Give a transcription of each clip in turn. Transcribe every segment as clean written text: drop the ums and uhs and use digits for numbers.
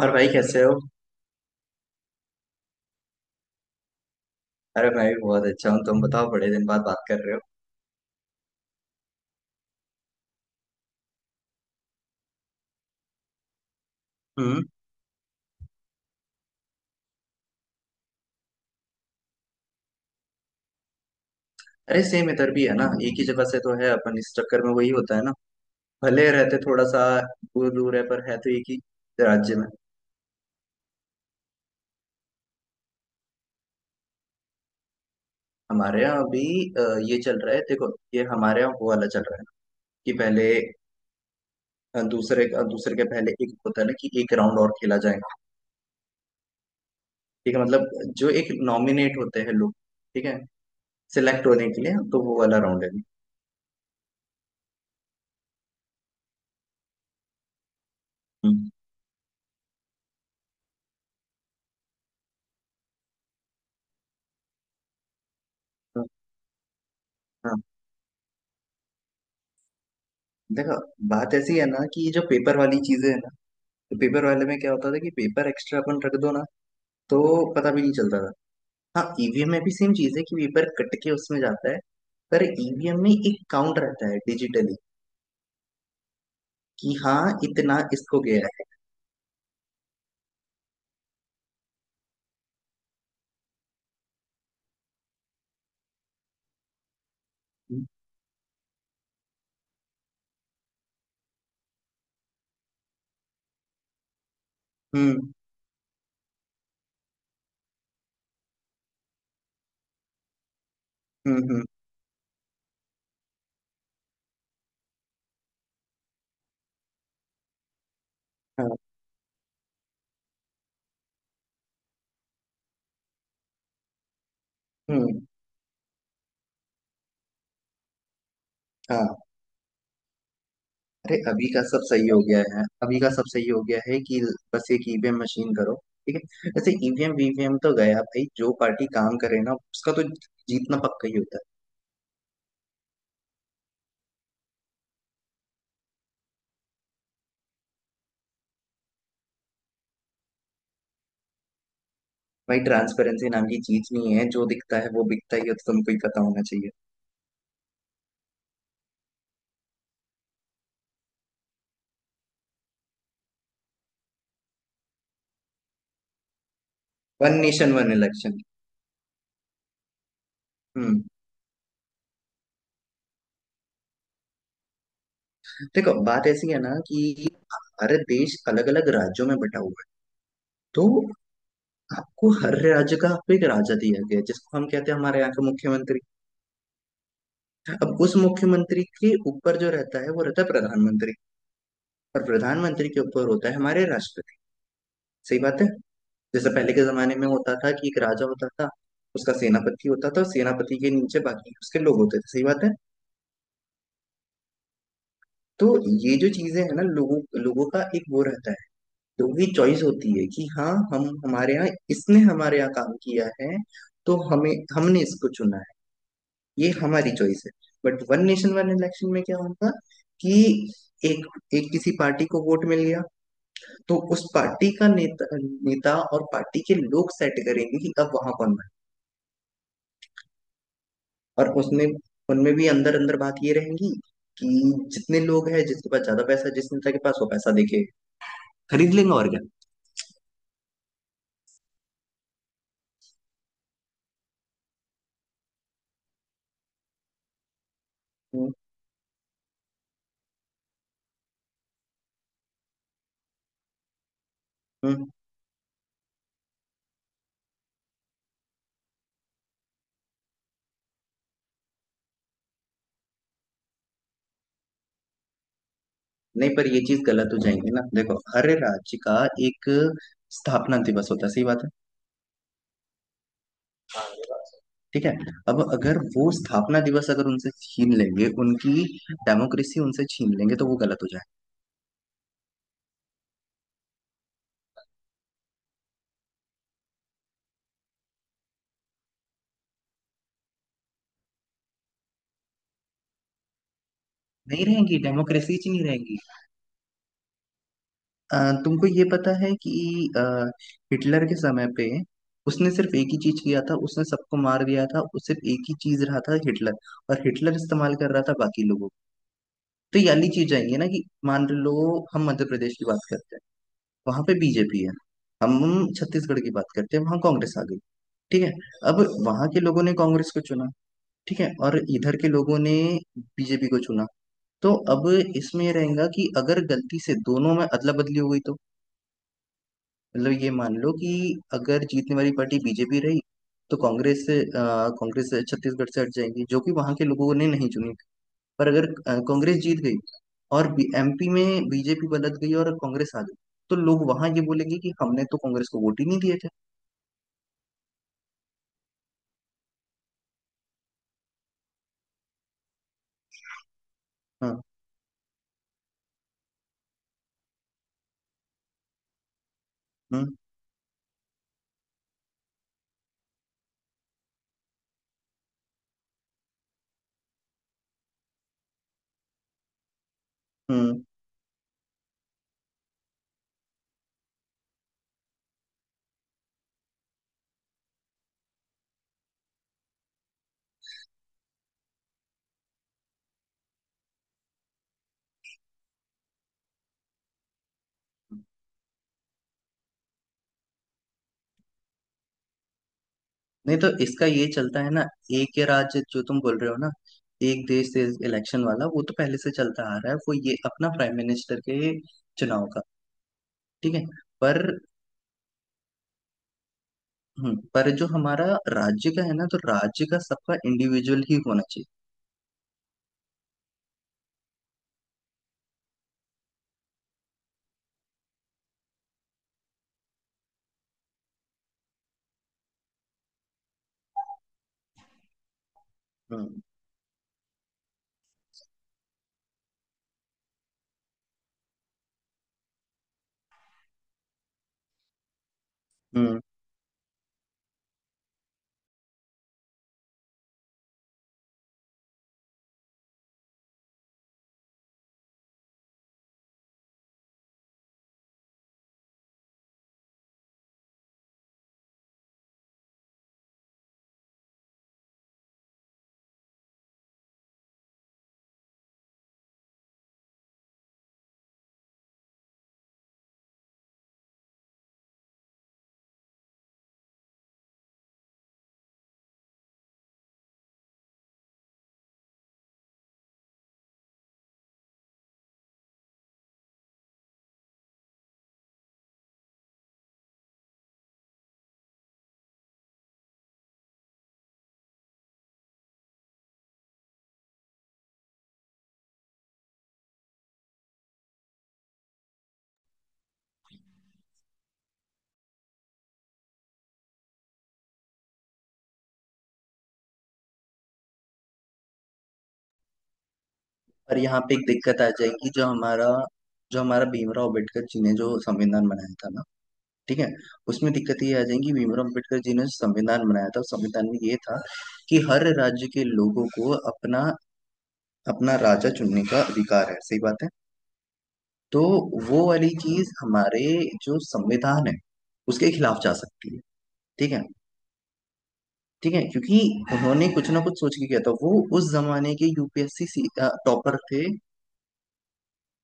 और भाई कैसे हो? अरे, मैं भी बहुत अच्छा हूँ। तुम बताओ, बड़े दिन बाद बात कर रहे हो। हम्म। अरे सेम इधर भी है ना, एक ही जगह से तो है अपन, इस चक्कर में वही होता है ना। भले रहते थोड़ा सा दूर दूर है पर है तो एक ही राज्य में। हमारे यहाँ अभी अ, ये चल रहा है। देखो, ये हमारे यहाँ वो वाला चल रहा है कि पहले दूसरे दूसरे के पहले एक होता है ना, कि एक राउंड और खेला जाएगा। ठीक है, मतलब जो एक नॉमिनेट होते हैं लोग, ठीक है, सिलेक्ट होने के लिए तो वो वाला राउंड है। हम्म, हाँ। देखो, बात ऐसी है ना कि ये जो पेपर वाली चीजें है ना, तो पेपर वाले में क्या होता था कि पेपर एक्स्ट्रा अपन रख दो ना, तो पता भी नहीं चलता था। हाँ, ईवीएम में भी सेम चीज है कि पेपर कट के उसमें जाता है, पर ईवीएम में एक काउंट रहता है डिजिटली कि हाँ, इतना इसको गया है। हम्म, हम्म, हम्म। हाँ, हम्म, हाँ। अरे, अभी का सब सही हो गया है, अभी का सब सही हो गया है, कि बस एक ईवीएम मशीन करो। ठीक है, वैसे ईवीएम वीवीएम तो गया भाई, जो पार्टी काम करे ना उसका तो जीतना पक्का ही होता है। भाई, ट्रांसपेरेंसी नाम की चीज नहीं है। जो दिखता है वो बिकता ही है, तो तुमको ही पता होना चाहिए। One nation one election. हम्म। देखो, बात ऐसी है ना कि भारत देश अलग अलग राज्यों में बटा हुआ है, तो आपको हर राज्य का आपको एक राजा दिया गया है, जिसको हम कहते हैं हमारे यहाँ का मुख्यमंत्री। अब उस मुख्यमंत्री के ऊपर जो रहता है वो रहता है प्रधानमंत्री, और प्रधानमंत्री के ऊपर होता है हमारे राष्ट्रपति। सही बात है। जैसे पहले के जमाने में होता था कि एक राजा होता था, उसका सेनापति होता था, और सेनापति के नीचे बाकी उसके लोग होते थे। सही बात है। तो ये जो चीजें है ना, लोगों लोगों का एक वो रहता है, लोगों की चॉइस होती है कि हाँ, हम हमारे यहाँ इसने हमारे यहाँ काम किया है, तो हमें हमने इसको चुना है, ये हमारी चॉइस है। But one nation one election में क्या होगा कि एक एक किसी पार्टी को वोट मिल गया, तो उस पार्टी का नेता नेता और पार्टी के लोग सेट करेंगे कि अब वहां कौन बने। और उसमें उनमें भी अंदर अंदर बात ये रहेगी कि जितने लोग हैं जिसके पास ज्यादा पैसा है, जिस नेता के पास, वो पैसा देके खरीद लेंगे और क्या। हम्म। नहीं, पर ये चीज गलत हो जाएंगी ना। देखो, हर राज्य का एक स्थापना दिवस होता है, सही बात है। ठीक है, अब अगर वो स्थापना दिवस अगर उनसे छीन लेंगे, उनकी डेमोक्रेसी उनसे छीन लेंगे, तो वो गलत हो जाए। नहीं रहेंगी, डेमोक्रेसी ही नहीं रहेंगी। अ, तुमको ये पता है कि अ, हिटलर के समय पे उसने सिर्फ एक ही चीज किया था, उसने सबको मार दिया था, उस सिर्फ एक ही चीज रहा था हिटलर, और हिटलर इस्तेमाल कर रहा था बाकी लोगों को। तो ये वाली चीज आएंगी ना कि मान लो हम मध्य प्रदेश की बात करते हैं, वहां पे बीजेपी है। हम छत्तीसगढ़ की बात करते हैं, वहां कांग्रेस आ गई, ठीक है। अब वहां के लोगों ने कांग्रेस को चुना, ठीक है, और इधर के लोगों ने बीजेपी को चुना। तो अब इसमें ये रहेगा कि अगर गलती से दोनों में अदला बदली हो गई तो, मतलब ये मान लो कि अगर जीतने वाली पार्टी बीजेपी रही, तो कांग्रेस छत्तीसगढ़ से हट जाएगी जो कि वहां के लोगों ने नहीं चुनी। पर अगर कांग्रेस जीत गई और एमपी में बीजेपी बदल गई और कांग्रेस आ गई, तो लोग वहां ये बोलेंगे कि हमने तो कांग्रेस को वोट ही नहीं दिए थे। हाँ, हम्म, हम्म। नहीं, तो इसका ये चलता है ना, एक ये राज्य जो तुम बोल रहे हो ना, एक देश देश इलेक्शन वाला वो तो पहले से चलता आ रहा है, वो ये अपना प्राइम मिनिस्टर के चुनाव का, ठीक है। पर पर जो हमारा राज्य का है ना, तो राज्य का सबका इंडिविजुअल ही होना चाहिए। हम्म, हम्म। पर यहाँ पे एक दिक्कत आ जाएगी, जो हमारा भीमराव अंबेडकर जी ने जो संविधान बनाया था ना, ठीक है, उसमें दिक्कत ये आ जाएगी। भीमराव अंबेडकर जी ने जो संविधान बनाया था, उस संविधान में ये था कि हर राज्य के लोगों को अपना अपना राजा चुनने का अधिकार है, सही बात है। तो वो वाली चीज हमारे जो संविधान है उसके खिलाफ जा सकती है, ठीक है। ठीक है, क्योंकि उन्होंने कुछ ना कुछ सोच के किया था वो, उस जमाने के यूपीएससी टॉपर थे।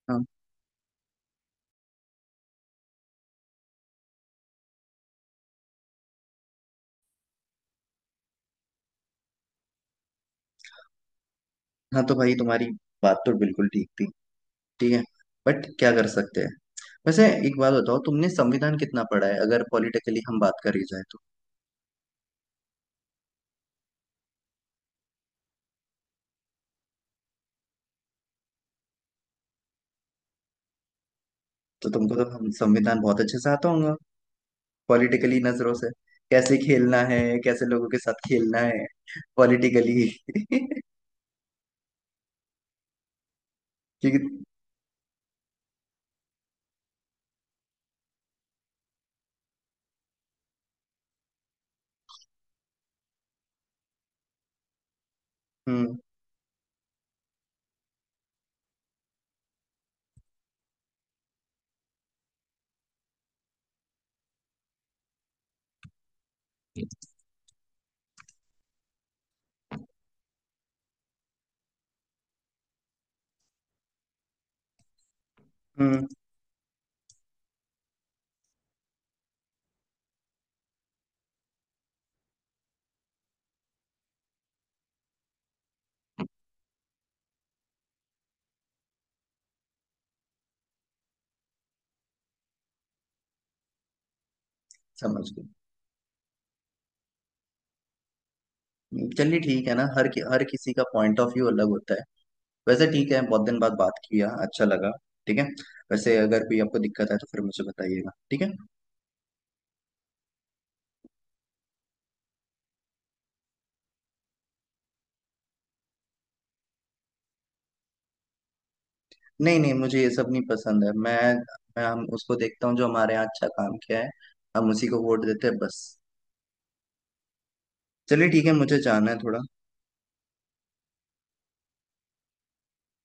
हाँ, हाँ, तो भाई तुम्हारी बात तो बिल्कुल ठीक थी, ठीक है, बट क्या कर सकते हैं। वैसे एक बात बताओ, तुमने संविधान कितना पढ़ा है, अगर पॉलिटिकली हम बात करी जाए तो? तो तुमको तो हम संविधान बहुत अच्छे से आता होगा, पॉलिटिकली नजरों से कैसे खेलना है, कैसे लोगों के साथ खेलना है, पॉलिटिकली। क्योंकि हम्म, हम्म, समझ गए। चलिए ठीक है ना, हर किसी का पॉइंट ऑफ व्यू अलग होता है। वैसे ठीक है, बहुत दिन बाद बात किया, अच्छा लगा। ठीक है, वैसे अगर कोई आपको दिक्कत है तो फिर मुझे बताइएगा, ठीक है। नहीं नहीं, मुझे ये सब नहीं पसंद है। मैं हम उसको देखता हूँ जो हमारे यहाँ अच्छा काम किया है, हम उसी को वोट देते हैं बस। चलिए ठीक है, मुझे जाना है थोड़ा।